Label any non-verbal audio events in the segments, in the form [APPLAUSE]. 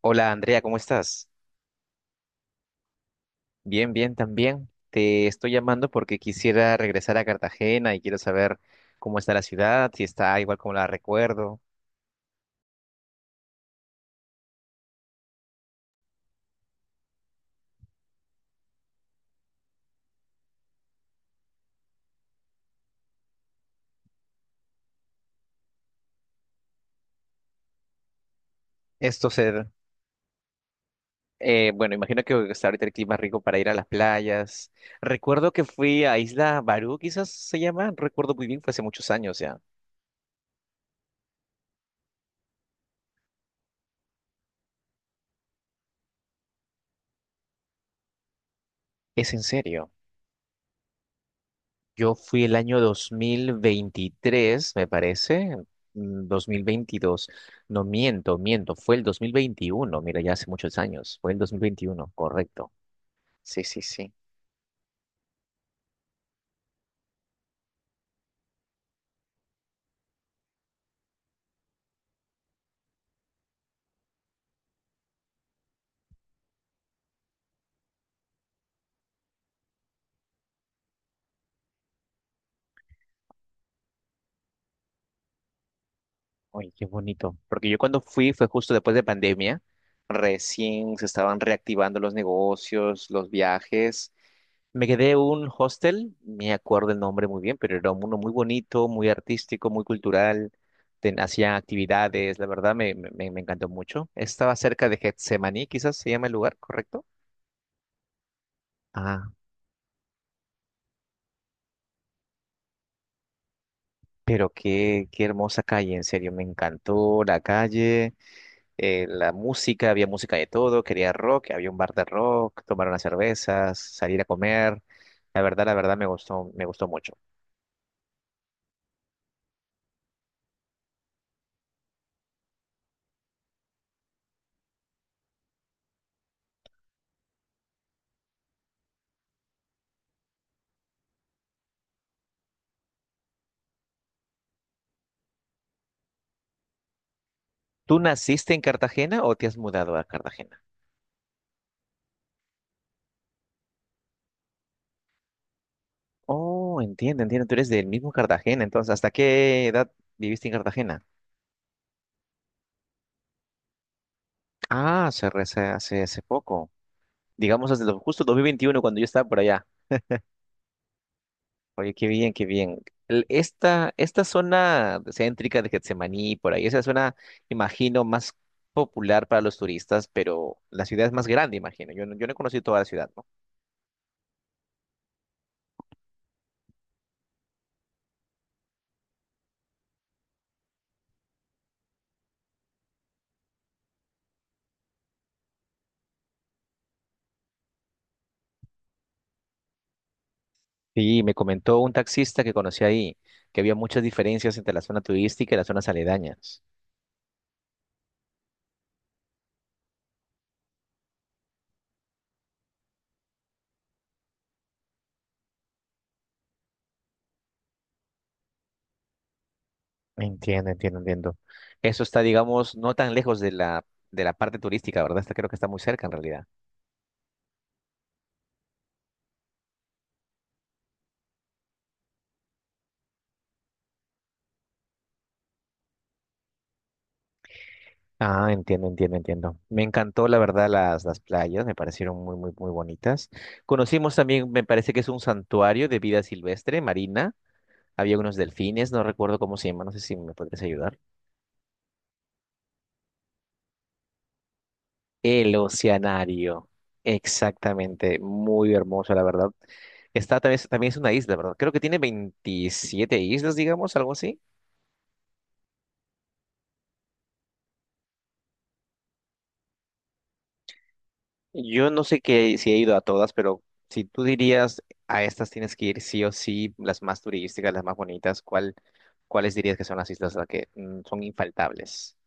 Hola Andrea, ¿cómo estás? Bien, bien también. Te estoy llamando porque quisiera regresar a Cartagena y quiero saber cómo está la ciudad, si está igual como la recuerdo. Esto se... bueno, imagino que está ahorita el clima rico para ir a las playas. Recuerdo que fui a Isla Barú, quizás se llama, no recuerdo muy bien, fue hace muchos años ya. ¿Es en serio? Yo fui el año 2023, me parece, 2022. No miento, miento, fue el 2021. Mira, ya hace muchos años, fue el 2021, correcto. Sí, sí, sí. Oye, qué bonito. Porque yo cuando fui fue justo después de pandemia, recién se estaban reactivando los negocios, los viajes. Me quedé en un hostel, me acuerdo el nombre muy bien, pero era uno muy bonito, muy artístico, muy cultural. Hacían actividades, la verdad encantó mucho. Estaba cerca de Getsemaní, quizás se llama el lugar, ¿correcto? Ah, pero qué hermosa calle, en serio, me encantó la calle, la música, había música de todo, quería rock, había un bar de rock, tomar unas cervezas, salir a comer. La verdad me gustó mucho. ¿Tú naciste en Cartagena o te has mudado a Cartagena? Oh, entiendo, entiendo. Tú eres del mismo Cartagena, entonces, ¿hasta qué edad viviste en Cartagena? Ah, hace, hace poco. Digamos, justo 2021, cuando yo estaba por allá. Oye, qué bien, qué bien. Esta, esta zona céntrica de Getsemaní, por ahí, esa zona, imagino, más popular para los turistas, pero la ciudad es más grande, imagino. Yo no, yo no he conocido toda la ciudad, ¿no? Sí, me comentó un taxista que conocí ahí, que había muchas diferencias entre la zona turística y las zonas aledañas. Entiendo, entiendo, entiendo. Eso está, digamos, no tan lejos de la parte turística, ¿verdad? Está, creo que está muy cerca en realidad. Ah, entiendo, entiendo, entiendo. Me encantó, la verdad, las playas, me parecieron muy, muy, muy bonitas. Conocimos también, me parece que es un santuario de vida silvestre, marina. Había unos delfines, no recuerdo cómo se llama, no sé si me podrías ayudar. El oceanario, exactamente, muy hermoso, la verdad. Está también, también es una isla, ¿verdad? Creo que tiene 27 islas, digamos, algo así. Yo no sé qué, si he ido a todas, pero si tú dirías a estas tienes que ir sí o sí, las más turísticas, las más bonitas, ¿cuál, cuáles dirías que son las islas las que son infaltables?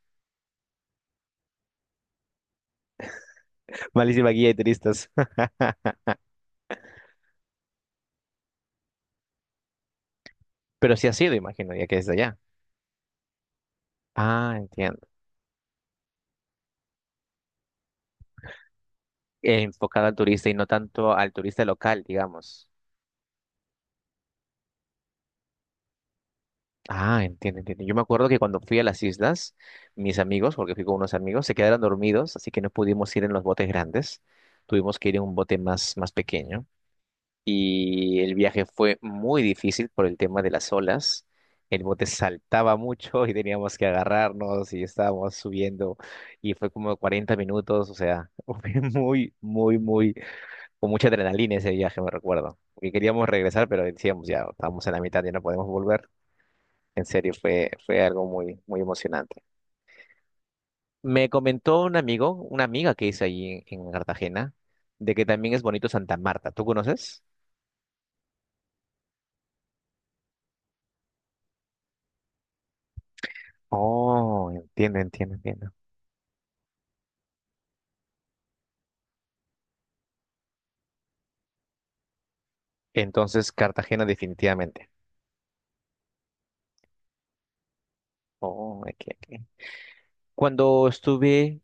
[LAUGHS] Malísima guía de turistas. [LAUGHS] Pero sí ha sido, imagino, ya que es de allá. Ah, entiendo. Enfocada al turista y no tanto al turista local, digamos. Ah, entiendo, entiendo. Yo me acuerdo que cuando fui a las islas, mis amigos, porque fui con unos amigos, se quedaron dormidos, así que no pudimos ir en los botes grandes. Tuvimos que ir en un bote más, más pequeño. Y el viaje fue muy difícil por el tema de las olas. El bote [LAUGHS] saltaba mucho y teníamos que agarrarnos y estábamos subiendo y fue como 40 minutos, o sea, [LAUGHS] fue muy, muy, muy, con mucha adrenalina ese viaje, me recuerdo. Porque queríamos regresar, pero decíamos ya, estamos en la mitad, ya no podemos volver. En serio, fue, fue algo muy, muy emocionante. Me comentó un amigo, una amiga que hice allí en Cartagena, de que también es bonito Santa Marta. ¿Tú conoces? Oh, entiendo, entiendo, entiendo. Entonces, Cartagena definitivamente. Oh, aquí, aquí. Cuando estuve...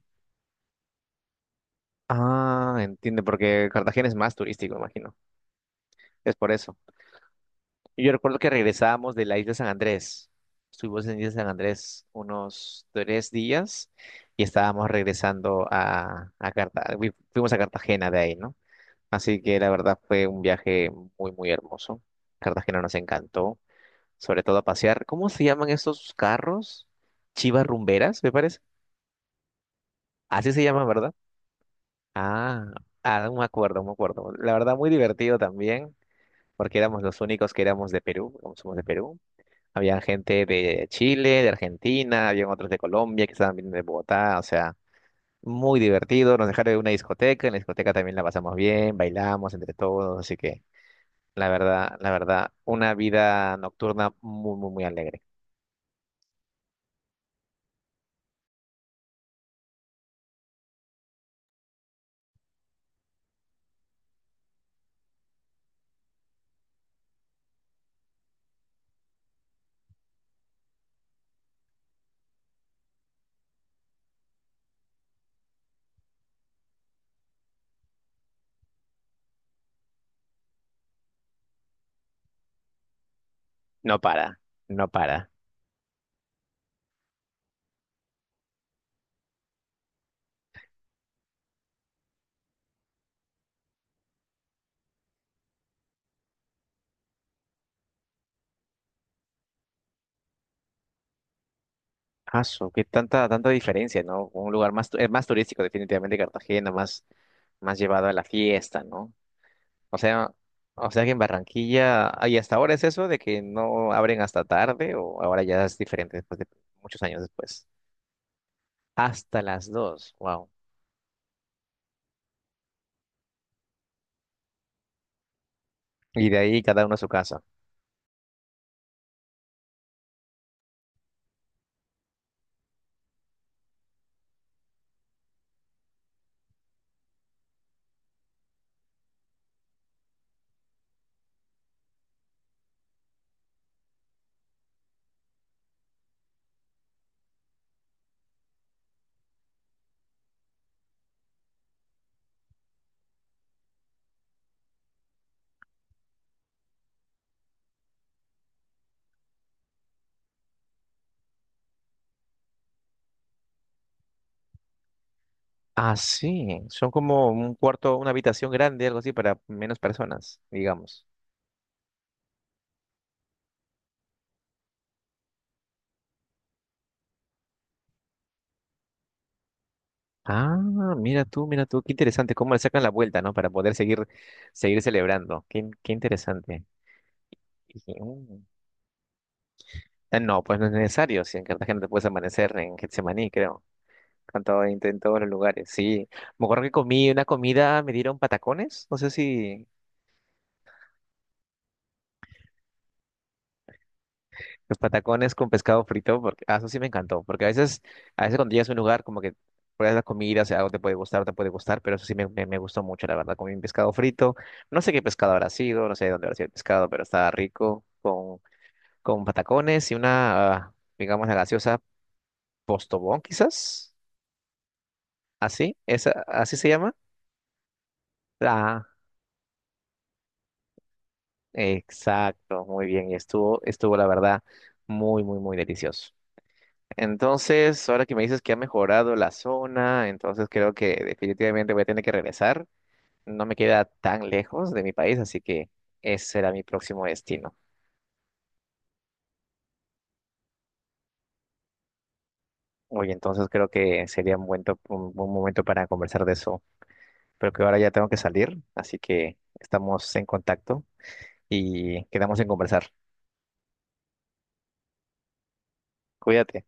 Ah, entiendo, porque Cartagena es más turístico, imagino. Es por eso. Yo recuerdo que regresábamos de la isla San Andrés. Estuvimos en la Isla San Andrés unos 3 días y estábamos regresando a Cartagena. Fuimos a Cartagena de ahí, ¿no? Así que la verdad fue un viaje muy, muy hermoso. Cartagena nos encantó, sobre todo a pasear. ¿Cómo se llaman estos carros? Chivas rumberas, me parece. Así se llama, ¿verdad? Ah, ah, me acuerdo, me acuerdo. La verdad, muy divertido también, porque éramos los únicos que éramos de Perú, como somos de Perú. Había gente de Chile, de Argentina, habían otros de Colombia que estaban viniendo de Bogotá, o sea, muy divertido. Nos dejaron en una discoteca, en la discoteca también la pasamos bien, bailamos entre todos, así que la verdad, una vida nocturna muy, muy, muy alegre. No para, no para. Aso, qué tanta, tanta diferencia, ¿no? Un lugar más, es más turístico, definitivamente Cartagena, más más llevado a la fiesta, ¿no? O sea, o sea que en Barranquilla, ah, ¿y hasta ahora es eso de que no abren hasta tarde o ahora ya es diferente después de muchos años después? Hasta las dos, wow. Y de ahí cada uno a su casa. Ah, sí, son como un cuarto, una habitación grande, algo así, para menos personas, digamos. Ah, mira tú, qué interesante, cómo le sacan la vuelta, ¿no? Para poder seguir, seguir celebrando. Qué interesante. Y, dije, ah, no, pues no es necesario, si en Cartagena te puedes amanecer en Getsemaní, creo. Cantado en todos los lugares, sí. Me acuerdo que comí una comida, me dieron patacones, no sé si los patacones con pescado frito, porque ah, eso sí me encantó, porque a veces cuando llegas a un lugar como que pruebas la comida, o sea, algo te puede gustar, pero eso sí me gustó mucho, la verdad, comí un pescado frito, no sé qué pescado habrá sido, no sé de dónde habrá sido el pescado, pero estaba rico, con patacones y una, ah, digamos, la gaseosa Postobón, quizás, así, esa, así se llama. Exacto, muy bien. Y estuvo, estuvo la verdad muy, muy, muy delicioso. Entonces, ahora que me dices que ha mejorado la zona, entonces creo que definitivamente voy a tener que regresar. No me queda tan lejos de mi país, así que ese será mi próximo destino. Oye, entonces creo que sería un buen, un buen momento para conversar de eso. Pero que ahora ya tengo que salir, así que estamos en contacto y quedamos en conversar. Cuídate.